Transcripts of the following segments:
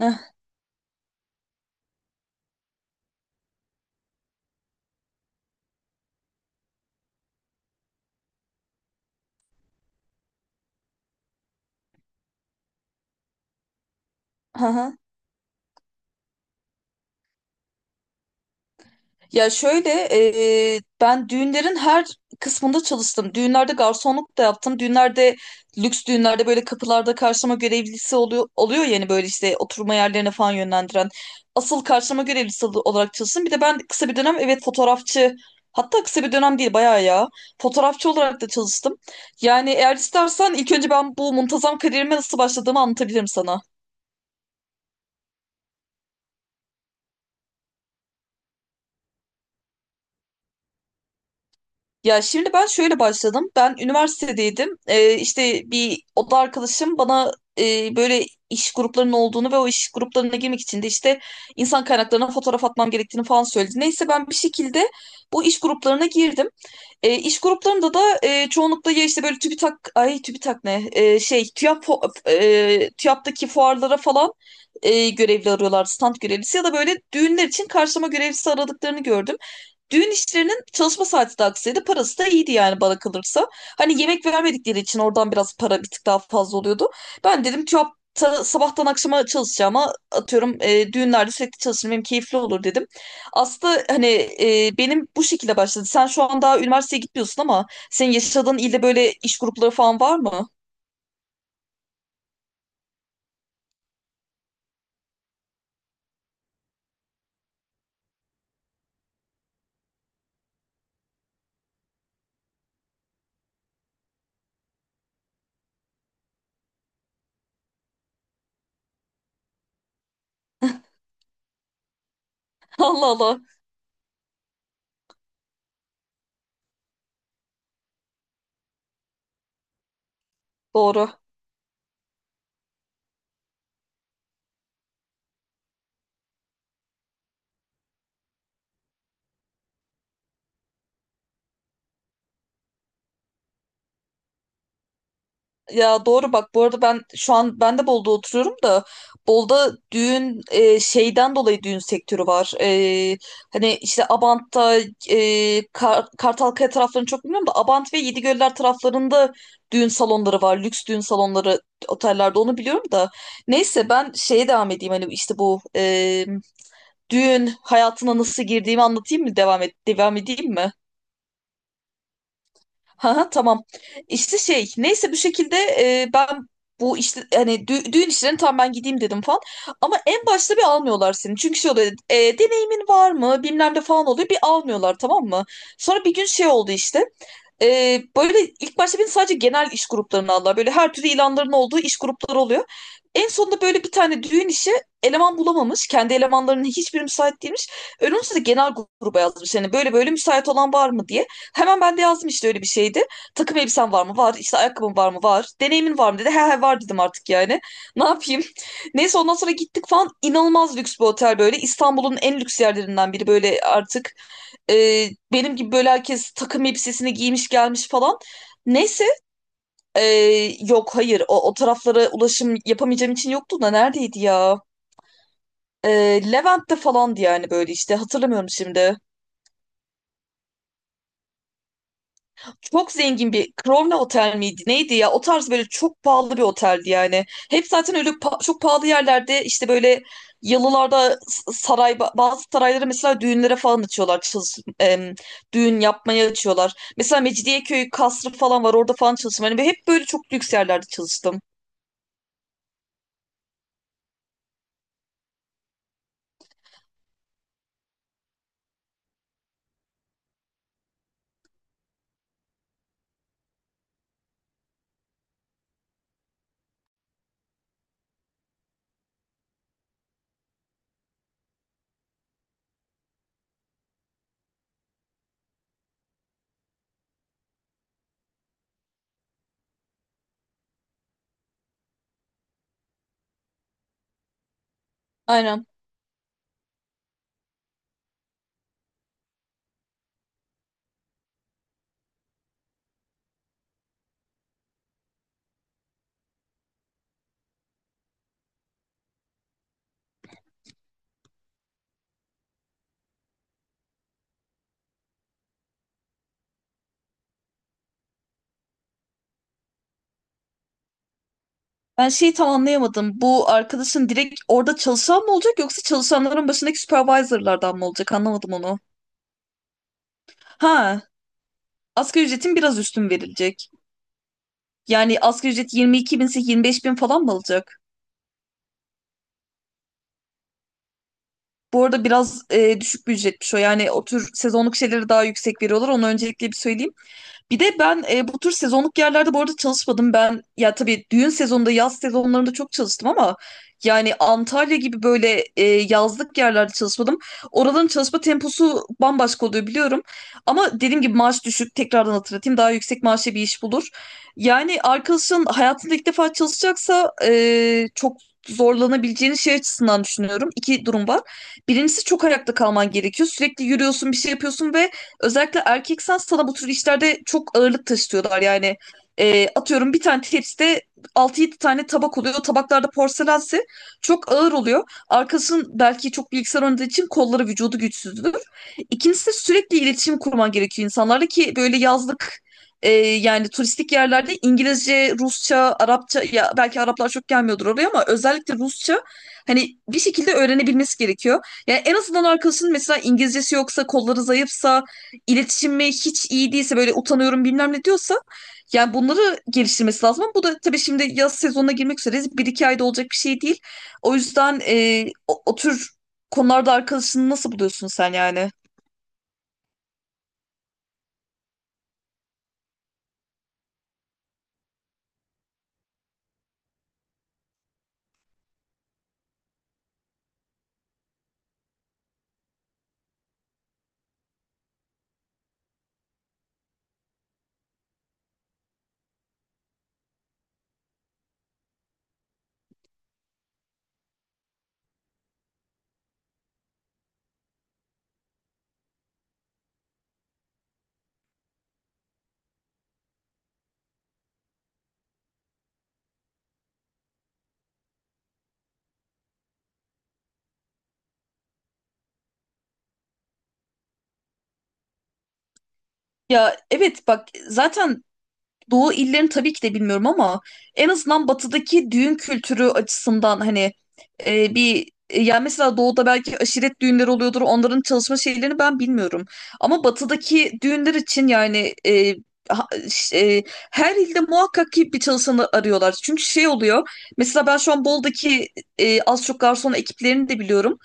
Eh, aha. Ya şöyle, ben düğünlerin her kısmında çalıştım. Düğünlerde garsonluk da yaptım. Düğünlerde, lüks düğünlerde böyle kapılarda karşılama görevlisi oluyor, yani böyle işte oturma yerlerine falan yönlendiren. Asıl karşılama görevlisi olarak çalıştım. Bir de ben kısa bir dönem, evet, fotoğrafçı, hatta kısa bir dönem değil bayağı ya, fotoğrafçı olarak da çalıştım. Yani eğer istersen ilk önce ben bu muntazam kariyerime nasıl başladığımı anlatabilirim sana. Ya şimdi ben şöyle başladım. Ben üniversitedeydim. İşte bir oda arkadaşım bana böyle iş gruplarının olduğunu ve o iş gruplarına girmek için de işte insan kaynaklarına fotoğraf atmam gerektiğini falan söyledi. Neyse ben bir şekilde bu iş gruplarına girdim. İş gruplarında da çoğunlukla ya işte böyle TÜBİTAK, ay, TÜBİTAK ne? Şey, TÜYAP, TÜYAP'taki fuarlara falan görevli arıyorlardı, stand görevlisi ya da böyle düğünler için karşılama görevlisi aradıklarını gördüm. Düğün işlerinin çalışma saati de aksaydı, parası da iyiydi yani, bana kalırsa. Hani yemek vermedikleri için oradan biraz para, bir tık daha fazla oluyordu. Ben dedim ki, "Hop, sabahtan akşama çalışacağıma atıyorum düğünlerde sürekli çalışırım benim keyifli olur," dedim. Aslında hani, benim bu şekilde başladı. Sen şu an daha üniversiteye gitmiyorsun, ama senin yaşadığın ilde böyle iş grupları falan var mı? Allah Allah. Doğru. Ya doğru, bak, bu arada ben şu an, ben de Bolu'da oturuyorum da, Bolu'da düğün, şeyden dolayı düğün sektörü var. Hani işte Abant'ta, Kartalkaya taraflarını çok bilmiyorum da, Abant ve Yedigöller taraflarında düğün salonları var. Lüks düğün salonları, otellerde, onu biliyorum da. Neyse ben şeye devam edeyim. Hani işte bu, düğün hayatına nasıl girdiğimi anlatayım mı, devam et devam edeyim mi? Ha ha, tamam. İşte şey, neyse, bir şekilde, ben bu işte hani düğün işlerini, tam ben gideyim dedim falan. Ama en başta bir almıyorlar seni. Çünkü şey oluyor, deneyimin var mı, bilmem ne falan oluyor. Bir almıyorlar, tamam mı? Sonra bir gün şey oldu işte. Böyle ilk başta beni sadece genel iş gruplarına aldılar. Böyle her türlü ilanların olduğu iş grupları oluyor. En sonunda böyle bir tane düğün işi, eleman bulamamış. Kendi elemanlarının hiçbiri müsait değilmiş. Önümüzde de genel gruba yazmış. Hani böyle müsait olan var mı diye. Hemen ben de yazdım işte, öyle bir şeydi. Takım elbisen var mı? Var. İşte ayakkabın var mı? Var. Deneyimin var mı, dedi. He he, var dedim artık yani. Ne yapayım? Neyse, ondan sonra gittik falan. İnanılmaz lüks bir otel böyle. İstanbul'un en lüks yerlerinden biri böyle artık. Benim gibi böyle herkes takım elbisesini giymiş gelmiş falan. Neyse. e, Yok, hayır, o taraflara ulaşım yapamayacağım için yoktu da, neredeydi ya? E, Levent'te falandı yani, böyle işte hatırlamıyorum şimdi. Çok zengin bir Crowne Otel miydi? Neydi ya? O tarz böyle çok pahalı bir oteldi yani. Hep zaten öyle çok pahalı yerlerde işte böyle, yalılarda, saray, bazı sarayları mesela düğünlere falan açıyorlar. Düğün yapmaya açıyorlar. Mesela Mecidiyeköy kasrı falan var, orada falan çalıştım. Hani hep böyle çok lüks yerlerde çalıştım. Aynen. Ben şeyi tam anlayamadım. Bu arkadaşın direkt orada çalışan mı olacak, yoksa çalışanların başındaki supervisorlardan mı olacak? Anlamadım onu. Ha, asgari ücretin biraz üstün verilecek. Yani asgari ücret 22 binse, 25 bin falan mı alacak? Bu arada biraz düşük bir ücretmiş o. Yani o tür sezonluk şeylere daha yüksek veriyorlar. Onu öncelikle bir söyleyeyim. Bir de ben, bu tür sezonluk yerlerde bu arada çalışmadım. Ben ya tabii düğün sezonunda, yaz sezonlarında çok çalıştım ama, yani Antalya gibi böyle yazlık yerlerde çalışmadım. Oraların çalışma temposu bambaşka oluyor, biliyorum. Ama dediğim gibi, maaş düşük. Tekrardan hatırlatayım. Daha yüksek maaşlı bir iş bulur. Yani arkadaşın hayatında ilk defa çalışacaksa, çok zorlanabileceğini şey açısından düşünüyorum. İki durum var. Birincisi, çok ayakta kalman gerekiyor. Sürekli yürüyorsun, bir şey yapıyorsun ve özellikle erkek sans sana, bu tür işlerde çok ağırlık taşıtıyorlar. Yani atıyorum, bir tane tepside altı yedi tane tabak oluyor. O tabaklarda, porselense, çok ağır oluyor. Arkasının belki çok bilgisayar oynadığı için kolları, vücudu güçsüzdür. İkincisi de sürekli iletişim kurman gerekiyor insanlarla, ki böyle yazlık, yani turistik yerlerde İngilizce, Rusça, Arapça, ya belki Araplar çok gelmiyordur oraya, ama özellikle Rusça hani bir şekilde öğrenebilmesi gerekiyor. Yani en azından arkadaşının mesela İngilizcesi yoksa, kolları zayıfsa, iletişimi hiç iyi değilse, böyle utanıyorum bilmem ne diyorsa, yani bunları geliştirmesi lazım. Ama bu da tabii, şimdi yaz sezonuna girmek üzere, bir iki ayda olacak bir şey değil. O yüzden o tür konularda arkadaşını nasıl buluyorsun sen yani? Ya evet, bak, zaten Doğu illerini tabii ki de bilmiyorum, ama en azından batıdaki düğün kültürü açısından, hani, bir yani mesela doğuda belki aşiret düğünleri oluyordur. Onların çalışma şeylerini ben bilmiyorum. Ama batıdaki düğünler için yani, ha- ş- e, her ilde muhakkak ki bir çalışanı arıyorlar. Çünkü şey oluyor. Mesela ben şu an Bol'daki, az çok garson ekiplerini de biliyorum.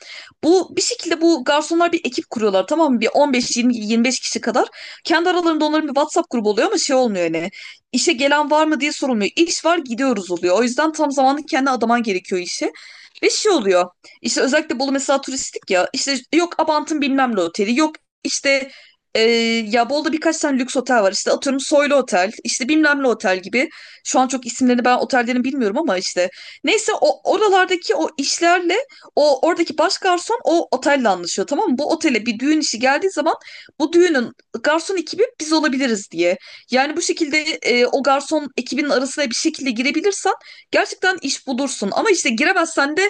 Bu, bir şekilde, bu garsonlar bir ekip kuruyorlar, tamam mı? Bir 15-20-25 kişi kadar. Kendi aralarında onların bir WhatsApp grubu oluyor, ama şey olmuyor hani. İşe gelen var mı diye sorulmuyor. İş var, gidiyoruz oluyor. O yüzden tam zamanlı kendi adaman gerekiyor işe. Ve şey oluyor. İşte özellikle Bolu mesela turistik ya. İşte yok Abant'ın bilmem ne oteli. Yok işte, e, ya Bolu'da birkaç tane lüks otel var. İşte atıyorum Soylu Otel, işte bilmem ne otel gibi. Şu an çok isimlerini ben otellerin bilmiyorum ama işte. Neyse, o oralardaki o işlerle, o oradaki baş garson o otelle anlaşıyor, tamam mı? Bu otele bir düğün işi geldiği zaman, bu düğünün garson ekibi biz olabiliriz diye. Yani bu şekilde, o garson ekibinin arasına bir şekilde girebilirsen, gerçekten iş bulursun. Ama işte giremezsen de,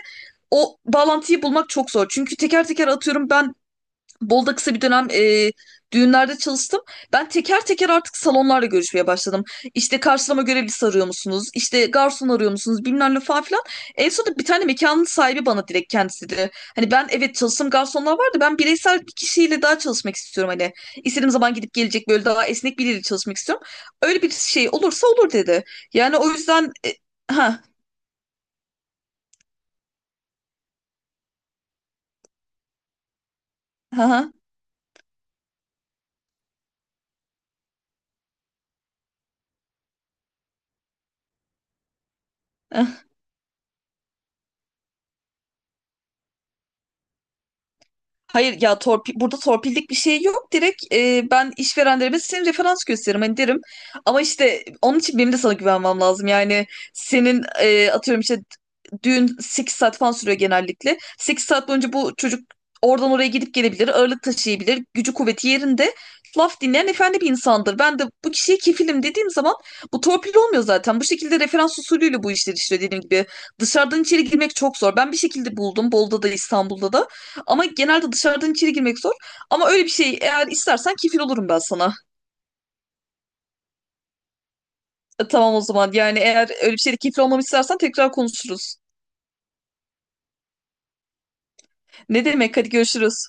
o bağlantıyı bulmak çok zor. Çünkü teker teker, atıyorum, ben Bolu'da kısa bir dönem, düğünlerde çalıştım. Ben teker teker artık salonlarla görüşmeye başladım. İşte karşılama görevlisi arıyor musunuz? İşte garson arıyor musunuz? Bilmem ne falan filan. En sonunda bir tane mekanın sahibi bana direkt kendisi dedi. Hani, ben, evet, çalıştığım garsonlar vardı. Ben bireysel bir kişiyle daha çalışmak istiyorum hani. İstediğim zaman gidip gelecek, böyle daha esnek biriyle çalışmak istiyorum. Öyle bir şey olursa olur, dedi. Yani o yüzden ha ha ha. Hayır ya, burada torpillik bir şey yok. Direkt, ben işverenlerime senin referans gösteririm hani, derim. Ama işte onun için benim de sana güvenmem lazım. Yani senin, atıyorum, işte düğün 8 saat falan sürüyor genellikle. 8 saat boyunca bu çocuk oradan oraya gidip gelebilir, ağırlık taşıyabilir, gücü kuvveti yerinde. Laf dinleyen efendi bir insandır. Ben de bu kişiye kefilim dediğim zaman, bu torpil olmuyor zaten. Bu şekilde referans usulüyle bu işler işliyor, dediğim gibi. Dışarıdan içeri girmek çok zor. Ben bir şekilde buldum, Bolu'da da, İstanbul'da da. Ama genelde dışarıdan içeri girmek zor. Ama öyle bir şey eğer istersen, kefil olurum ben sana. Tamam o zaman. Yani eğer öyle bir şeyde kefil olmamı istersen tekrar konuşuruz. Ne demek? Hadi görüşürüz.